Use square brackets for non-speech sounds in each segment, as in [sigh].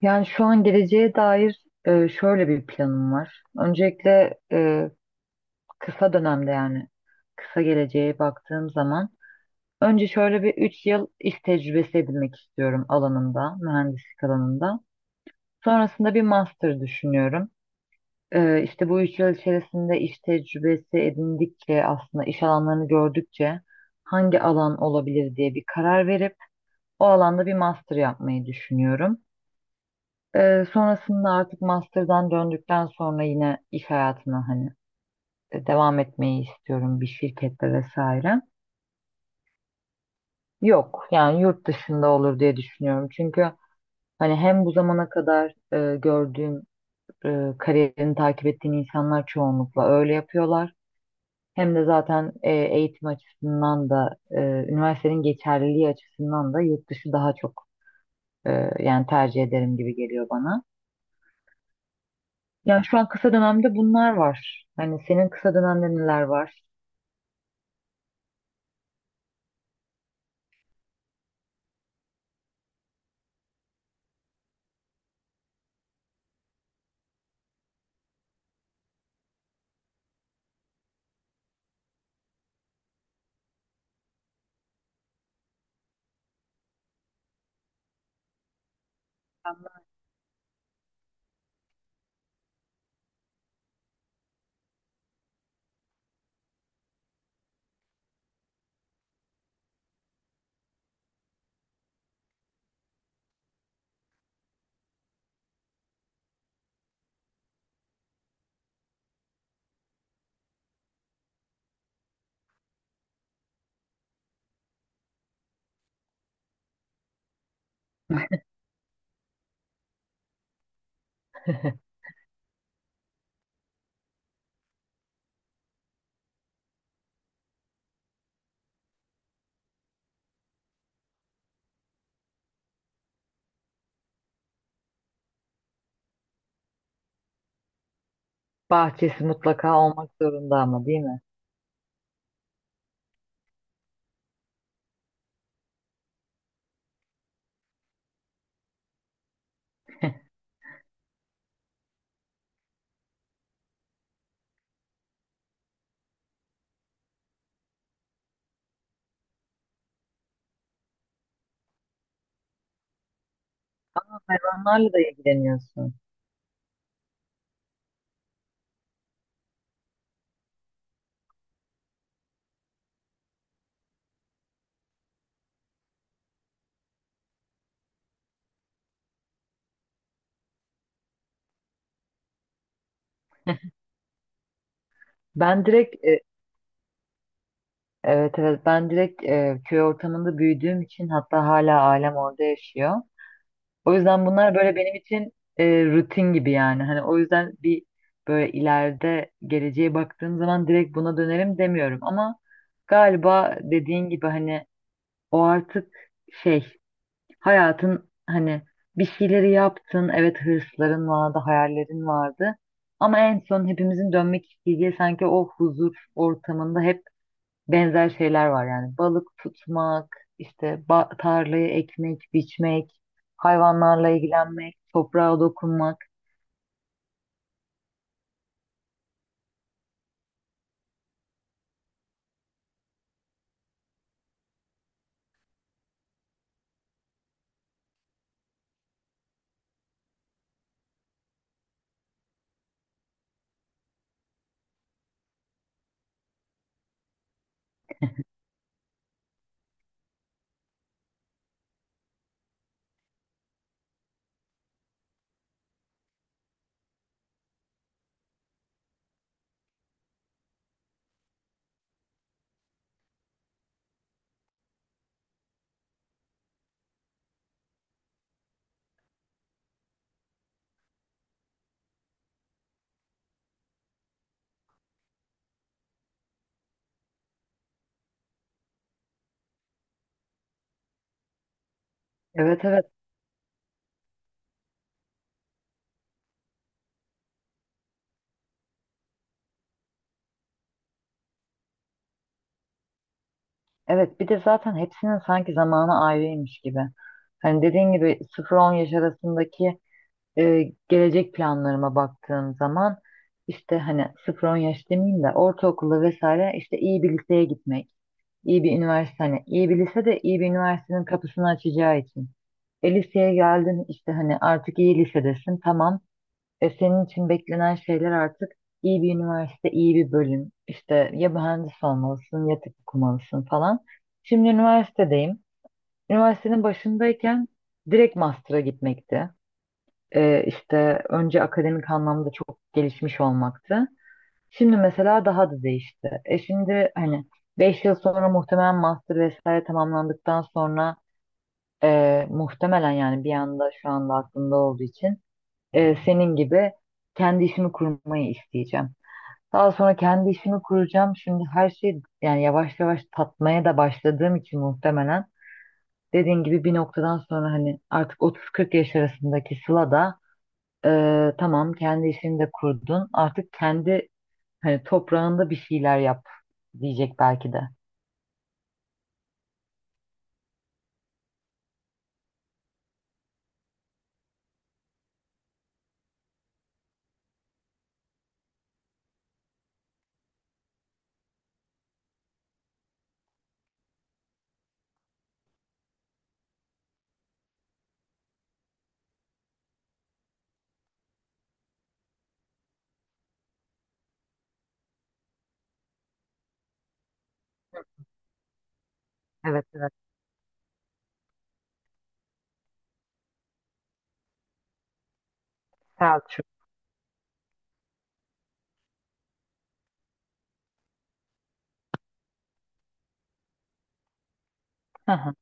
Yani şu an geleceğe dair şöyle bir planım var. Öncelikle kısa dönemde yani kısa geleceğe baktığım zaman önce şöyle bir 3 yıl iş tecrübesi edinmek istiyorum alanında, mühendislik alanında. Sonrasında bir master düşünüyorum. İşte bu 3 yıl içerisinde iş tecrübesi edindikçe aslında iş alanlarını gördükçe hangi alan olabilir diye bir karar verip o alanda bir master yapmayı düşünüyorum. Sonrasında artık master'dan döndükten sonra yine iş hayatına hani devam etmeyi istiyorum bir şirkette vesaire. Yok yani yurt dışında olur diye düşünüyorum. Çünkü hani hem bu zamana kadar gördüğüm kariyerini takip ettiğim insanlar çoğunlukla öyle yapıyorlar. Hem de zaten eğitim açısından da üniversitenin geçerliliği açısından da yurt dışı daha çok e, yani tercih ederim gibi geliyor bana. Ya şu an kısa dönemde bunlar var. Hani senin kısa dönemde neler var? [laughs] Bahçesi mutlaka olmak zorunda ama değil mi? Hayvanlarla da ilgileniyorsun. Ben direkt evet evet, ben direkt köy ortamında büyüdüğüm için, hatta hala ailem orada yaşıyor. O yüzden bunlar böyle benim için rutin gibi yani. Hani o yüzden bir böyle ileride geleceğe baktığım zaman direkt buna dönerim demiyorum ama galiba dediğin gibi hani o artık şey. Hayatın hani bir şeyleri yaptın. Evet, hırsların vardı, hayallerin vardı. Ama en son hepimizin dönmek isteyeceği sanki o huzur ortamında hep benzer şeyler var. Yani balık tutmak, işte ba- tarlayı ekmek, biçmek, hayvanlarla ilgilenmek, toprağa dokunmak. Evet, evet. Evet, bir de zaten hepsinin sanki zamanı ayrıymış gibi. Hani dediğin gibi 0-10 yaş arasındaki gelecek planlarıma baktığım zaman işte hani 0-10 yaş demeyeyim de ortaokula vesaire, işte iyi bir liseye gitmek, iyi bir üniversite, hani iyi bir lise de iyi bir üniversitenin kapısını açacağı için. E, liseye geldin, işte hani artık iyi lisedesin, tamam. E, senin için beklenen şeyler artık iyi bir üniversite, iyi bir bölüm. İşte ya mühendis olmalısın ya tıp okumalısın falan. Şimdi üniversitedeyim. Üniversitenin başındayken direkt master'a gitmekti, işte önce akademik anlamda çok gelişmiş olmaktı. Şimdi mesela daha da değişti. E, şimdi hani 5 yıl sonra muhtemelen master vesaire tamamlandıktan sonra muhtemelen yani bir anda şu anda aklımda olduğu için senin gibi kendi işimi kurmayı isteyeceğim. Daha sonra kendi işimi kuracağım. Şimdi her şey yani yavaş yavaş tatmaya da başladığım için muhtemelen dediğin gibi bir noktadan sonra hani artık 30-40 yaş arasındaki Sıla da tamam, kendi işini de kurdun. Artık kendi hani toprağında bir şeyler yap diyecek belki de. Evet, evet. Selçuk. Hı hı.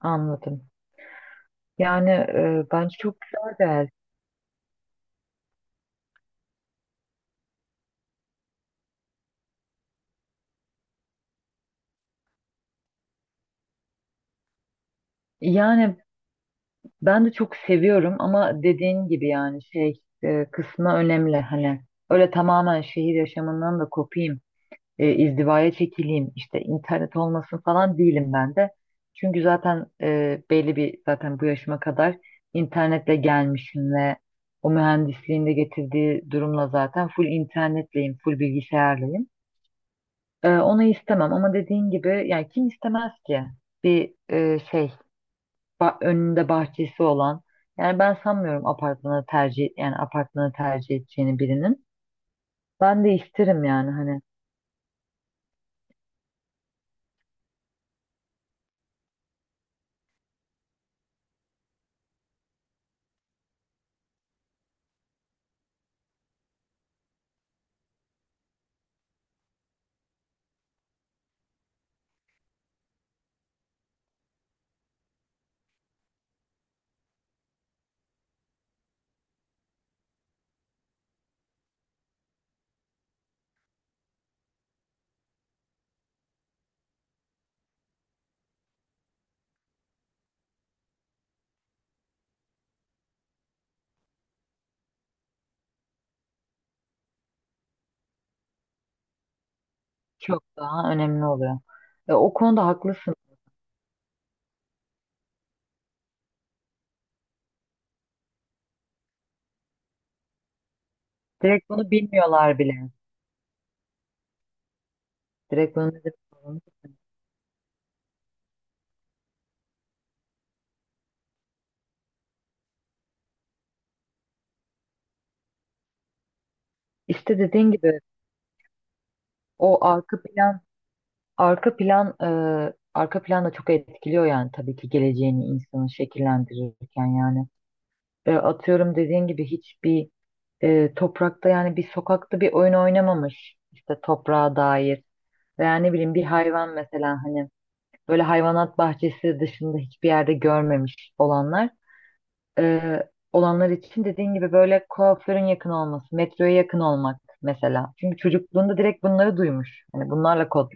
Anladım. Yani bence çok güzel bir el. Yani ben de çok seviyorum ama dediğin gibi yani şey, kısmı önemli. Hani öyle tamamen şehir yaşamından da kopayım, izdivaya çekileyim, işte internet olmasın falan değilim ben de. Çünkü zaten belli bir zaten bu yaşıma kadar internetle gelmişim ve o mühendisliğin de getirdiği durumla zaten full internetleyim, full bilgisayarlıyım. E, onu istemem ama dediğin gibi yani kim istemez ki bir şey ba- önünde bahçesi olan. Yani ben sanmıyorum apartmanı tercih, yani apartmanı tercih edeceğini birinin. Ben de isterim yani hani çok daha önemli oluyor. Ve o konuda haklısın. Direkt bunu bilmiyorlar bile. Direkt bunu ne demek olduğunu bilmiyorlar. İşte dediğin gibi o arka plan, arka plan e, arka plan da çok etkiliyor yani, tabii ki geleceğini, insanı şekillendirirken yani. E, atıyorum, dediğin gibi hiçbir toprakta, yani bir sokakta bir oyun oynamamış, işte toprağa dair veya ne bileyim bir hayvan mesela hani böyle hayvanat bahçesi dışında hiçbir yerde görmemiş e, olanlar için dediğin gibi böyle kuaförün yakın olması, metroya yakın olmak mesela. Çünkü çocukluğunda direkt bunları duymuş. Yani bunlarla kod,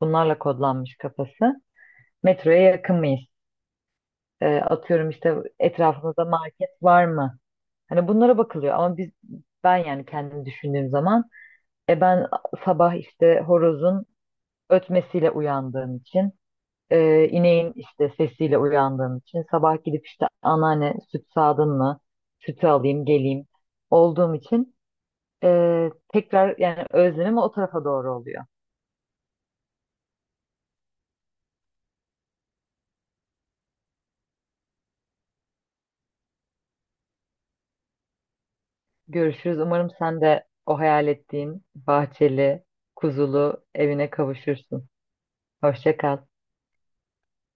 bunlarla kodlanmış kafası. Metroya yakın mıyız? E, atıyorum işte etrafımızda market var mı? Hani bunlara bakılıyor ama ben yani kendimi düşündüğüm zaman ben sabah işte horozun ötmesiyle uyandığım için, ineğin işte sesiyle uyandığın için, sabah gidip işte anneanne süt sağdın mı sütü alayım geleyim olduğum için tekrar yani özlemim o tarafa doğru oluyor. Görüşürüz. Umarım sen de o hayal ettiğin bahçeli, kuzulu evine kavuşursun. Hoşça kal.